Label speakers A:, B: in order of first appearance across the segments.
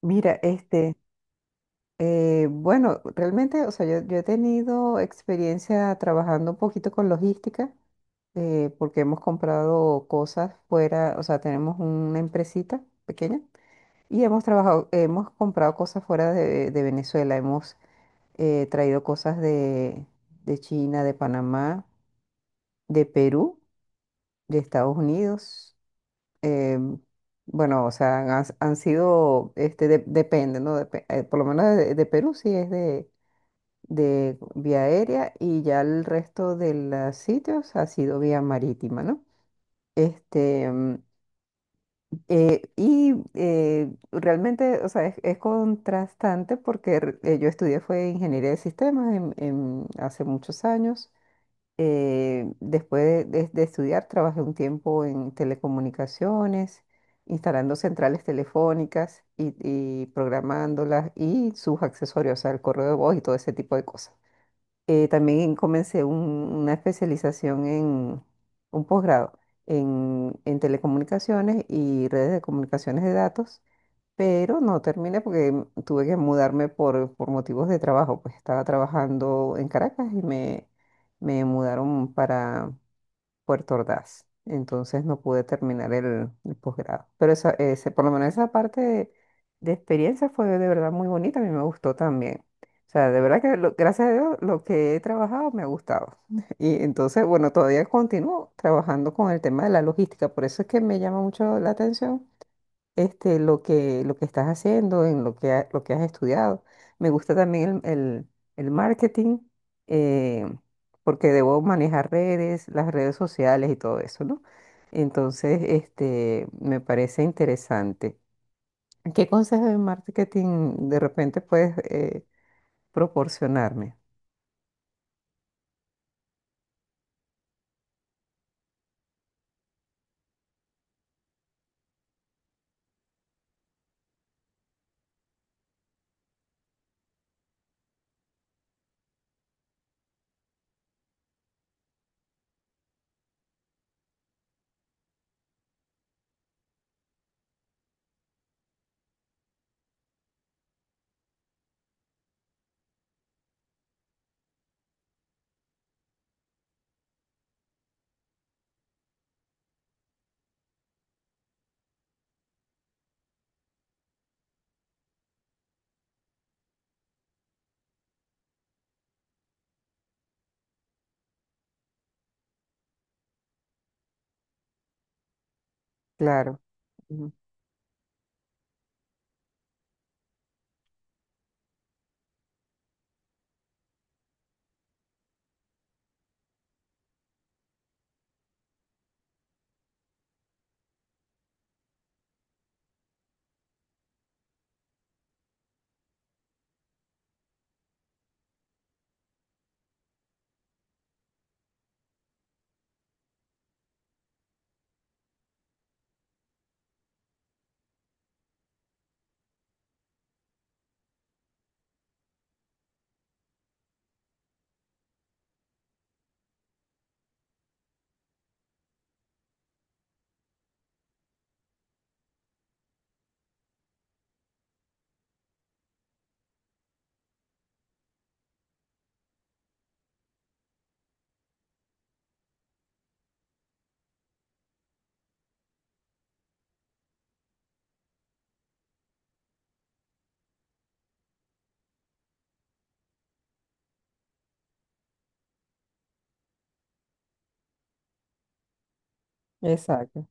A: Mira, este, bueno, realmente, o sea, yo he tenido experiencia trabajando un poquito con logística, porque hemos comprado cosas fuera, o sea, tenemos una empresita pequeña y hemos trabajado, hemos comprado cosas fuera de Venezuela, hemos traído cosas de China, de Panamá, de Perú, de Estados Unidos. em, bueno, o sea, han sido, este, depende, ¿no? Por lo menos de Perú sí es de vía aérea, y ya el resto de los sitios ha sido vía marítima, ¿no? Este, mm, Realmente, o sea, es contrastante porque yo estudié fue ingeniería de sistemas hace muchos años. Después de estudiar, trabajé un tiempo en telecomunicaciones, instalando centrales telefónicas y programándolas y sus accesorios, o sea, el correo de voz y todo ese tipo de cosas. También una especialización en un posgrado en telecomunicaciones y redes de comunicaciones de datos, pero no terminé porque tuve que mudarme por motivos de trabajo, pues estaba trabajando en Caracas y me mudaron para Puerto Ordaz. Entonces no pude terminar el posgrado. Pero por lo menos esa parte de experiencia fue de verdad muy bonita. A mí me gustó también. O sea, de verdad que gracias a Dios lo que he trabajado me ha gustado. Y entonces, bueno, todavía continúo trabajando con el tema de la logística. Por eso es que me llama mucho la atención este, lo que estás haciendo, en lo que, lo que has estudiado. Me gusta también el marketing, eh, porque debo manejar redes, las redes sociales y todo eso, ¿no? Entonces, este, me parece interesante. ¿Qué consejos de marketing de repente puedes proporcionarme? Claro. Ujú. Exacto,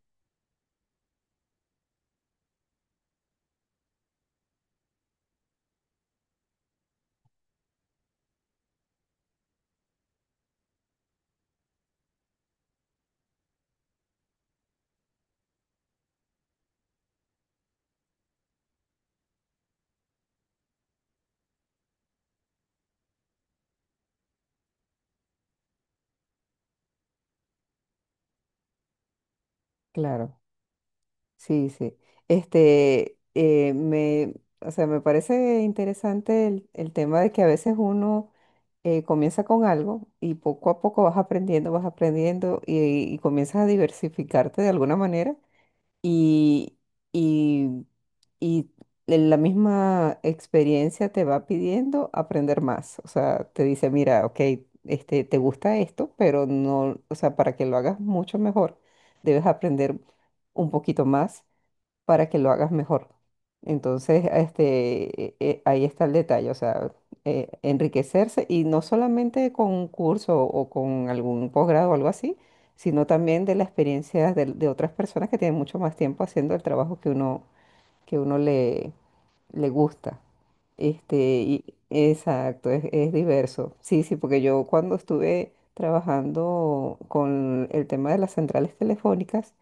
A: claro. Sí, sí. Este, o sea, me parece interesante el tema de que a veces uno comienza con algo y poco a poco vas aprendiendo y comienzas a diversificarte de alguna manera y, y, y la misma experiencia te va pidiendo aprender más. O sea, te dice, mira, ok, este, te gusta esto, pero no, o sea, para que lo hagas mucho mejor, debes aprender un poquito más para que lo hagas mejor. Entonces, este, ahí está el detalle, o sea, enriquecerse, y no solamente con un curso o con algún posgrado o algo así, sino también de la experiencia de otras personas que tienen mucho más tiempo haciendo el trabajo que que uno le gusta. Este, y- exacto, es diverso. Sí, sí, porque yo cuando estuve trabajando con el tema de las centrales telefónicas,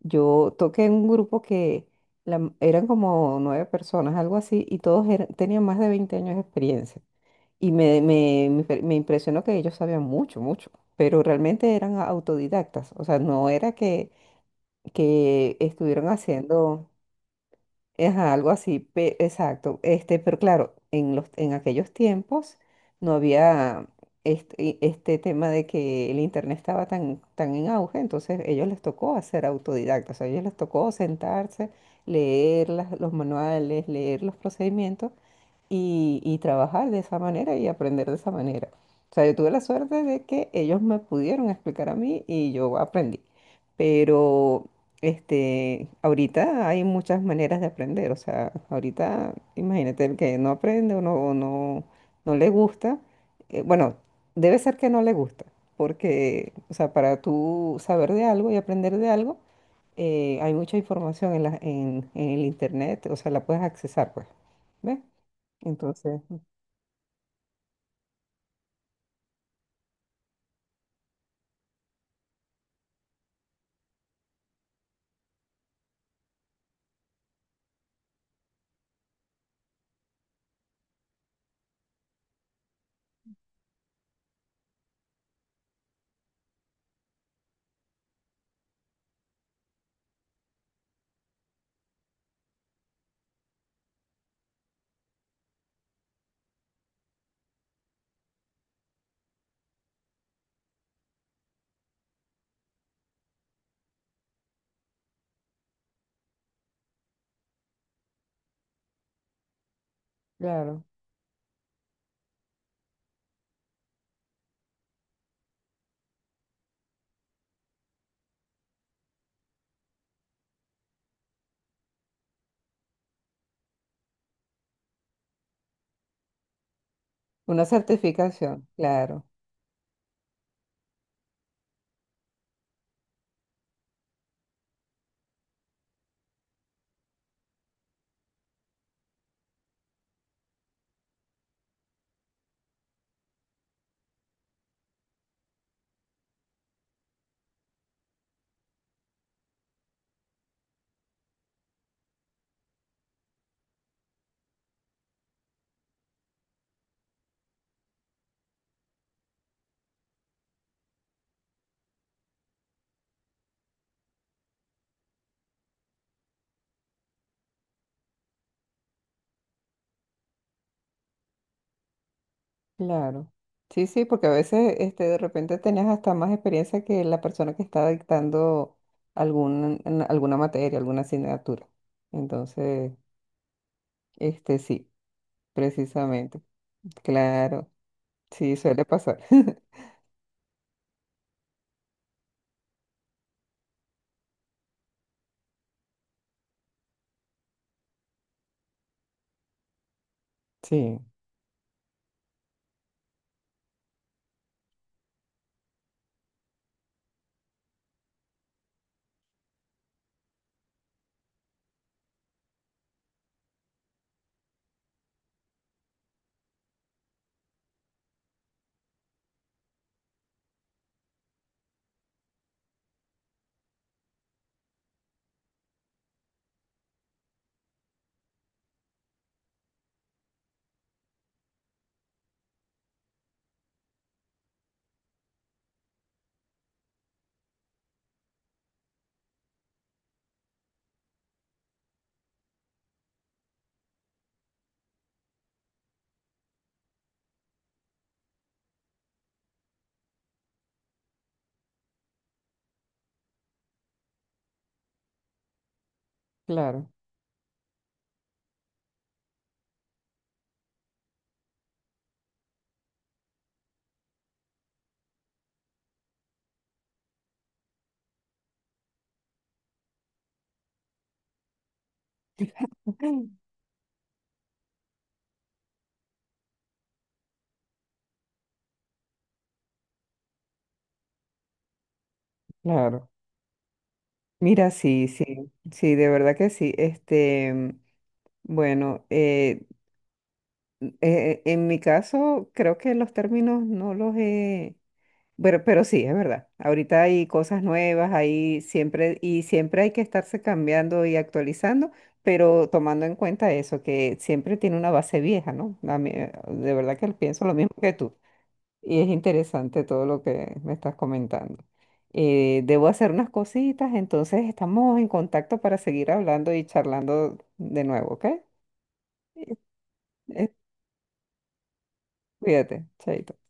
A: yo toqué en un grupo que eran como nueve personas, algo así, y tenían más de 20 años de experiencia. Y me impresionó que ellos sabían mucho, mucho, pero realmente eran autodidactas. O sea, no era que estuvieran haciendo... Ajá, algo así, exacto. Este, pero claro, en en aquellos tiempos no había este tema de que el internet estaba tan en auge, entonces ellos les tocó hacer autodidactas, o sea, ellos les tocó sentarse, leer los manuales, leer los procedimientos y trabajar de esa manera y aprender de esa manera. O sea, yo tuve la suerte de que ellos me pudieron explicar a mí y yo aprendí. Pero este, ahorita hay muchas maneras de aprender. O sea, ahorita imagínate el que no aprende o no, no le gusta. Bueno, debe ser que no le gusta. Porque, o sea, para tú saber de algo y aprender de algo, hay mucha información en en el internet, o sea, la puedes accesar, pues. ¿Ves? Entonces, claro, una certificación, claro, claro. Sí, sí, porque a veces este, de repente tenías hasta más experiencia que la persona que estaba dictando algún, en alguna materia, alguna asignatura. Entonces, este sí, precisamente. Claro, sí, suele pasar. Sí, claro. Ujú, claro. Mira, sí, sí, sí, de verdad que sí. Este, bueno, en mi caso, creo que los términos no los he... pero sí, es verdad. Ahorita hay cosas nuevas, hay siempre, y siempre hay que estarse cambiando y actualizando, pero tomando en cuenta eso, que siempre tiene una base vieja, ¿no? A mí, de verdad que pienso lo mismo que tú. Y es interesante todo lo que me estás comentando. Debo hacer unas cositas, entonces estamos en contacto para seguir hablando y charlando de nuevo, ¿ok? Eh, eh, Cuídate, chaito.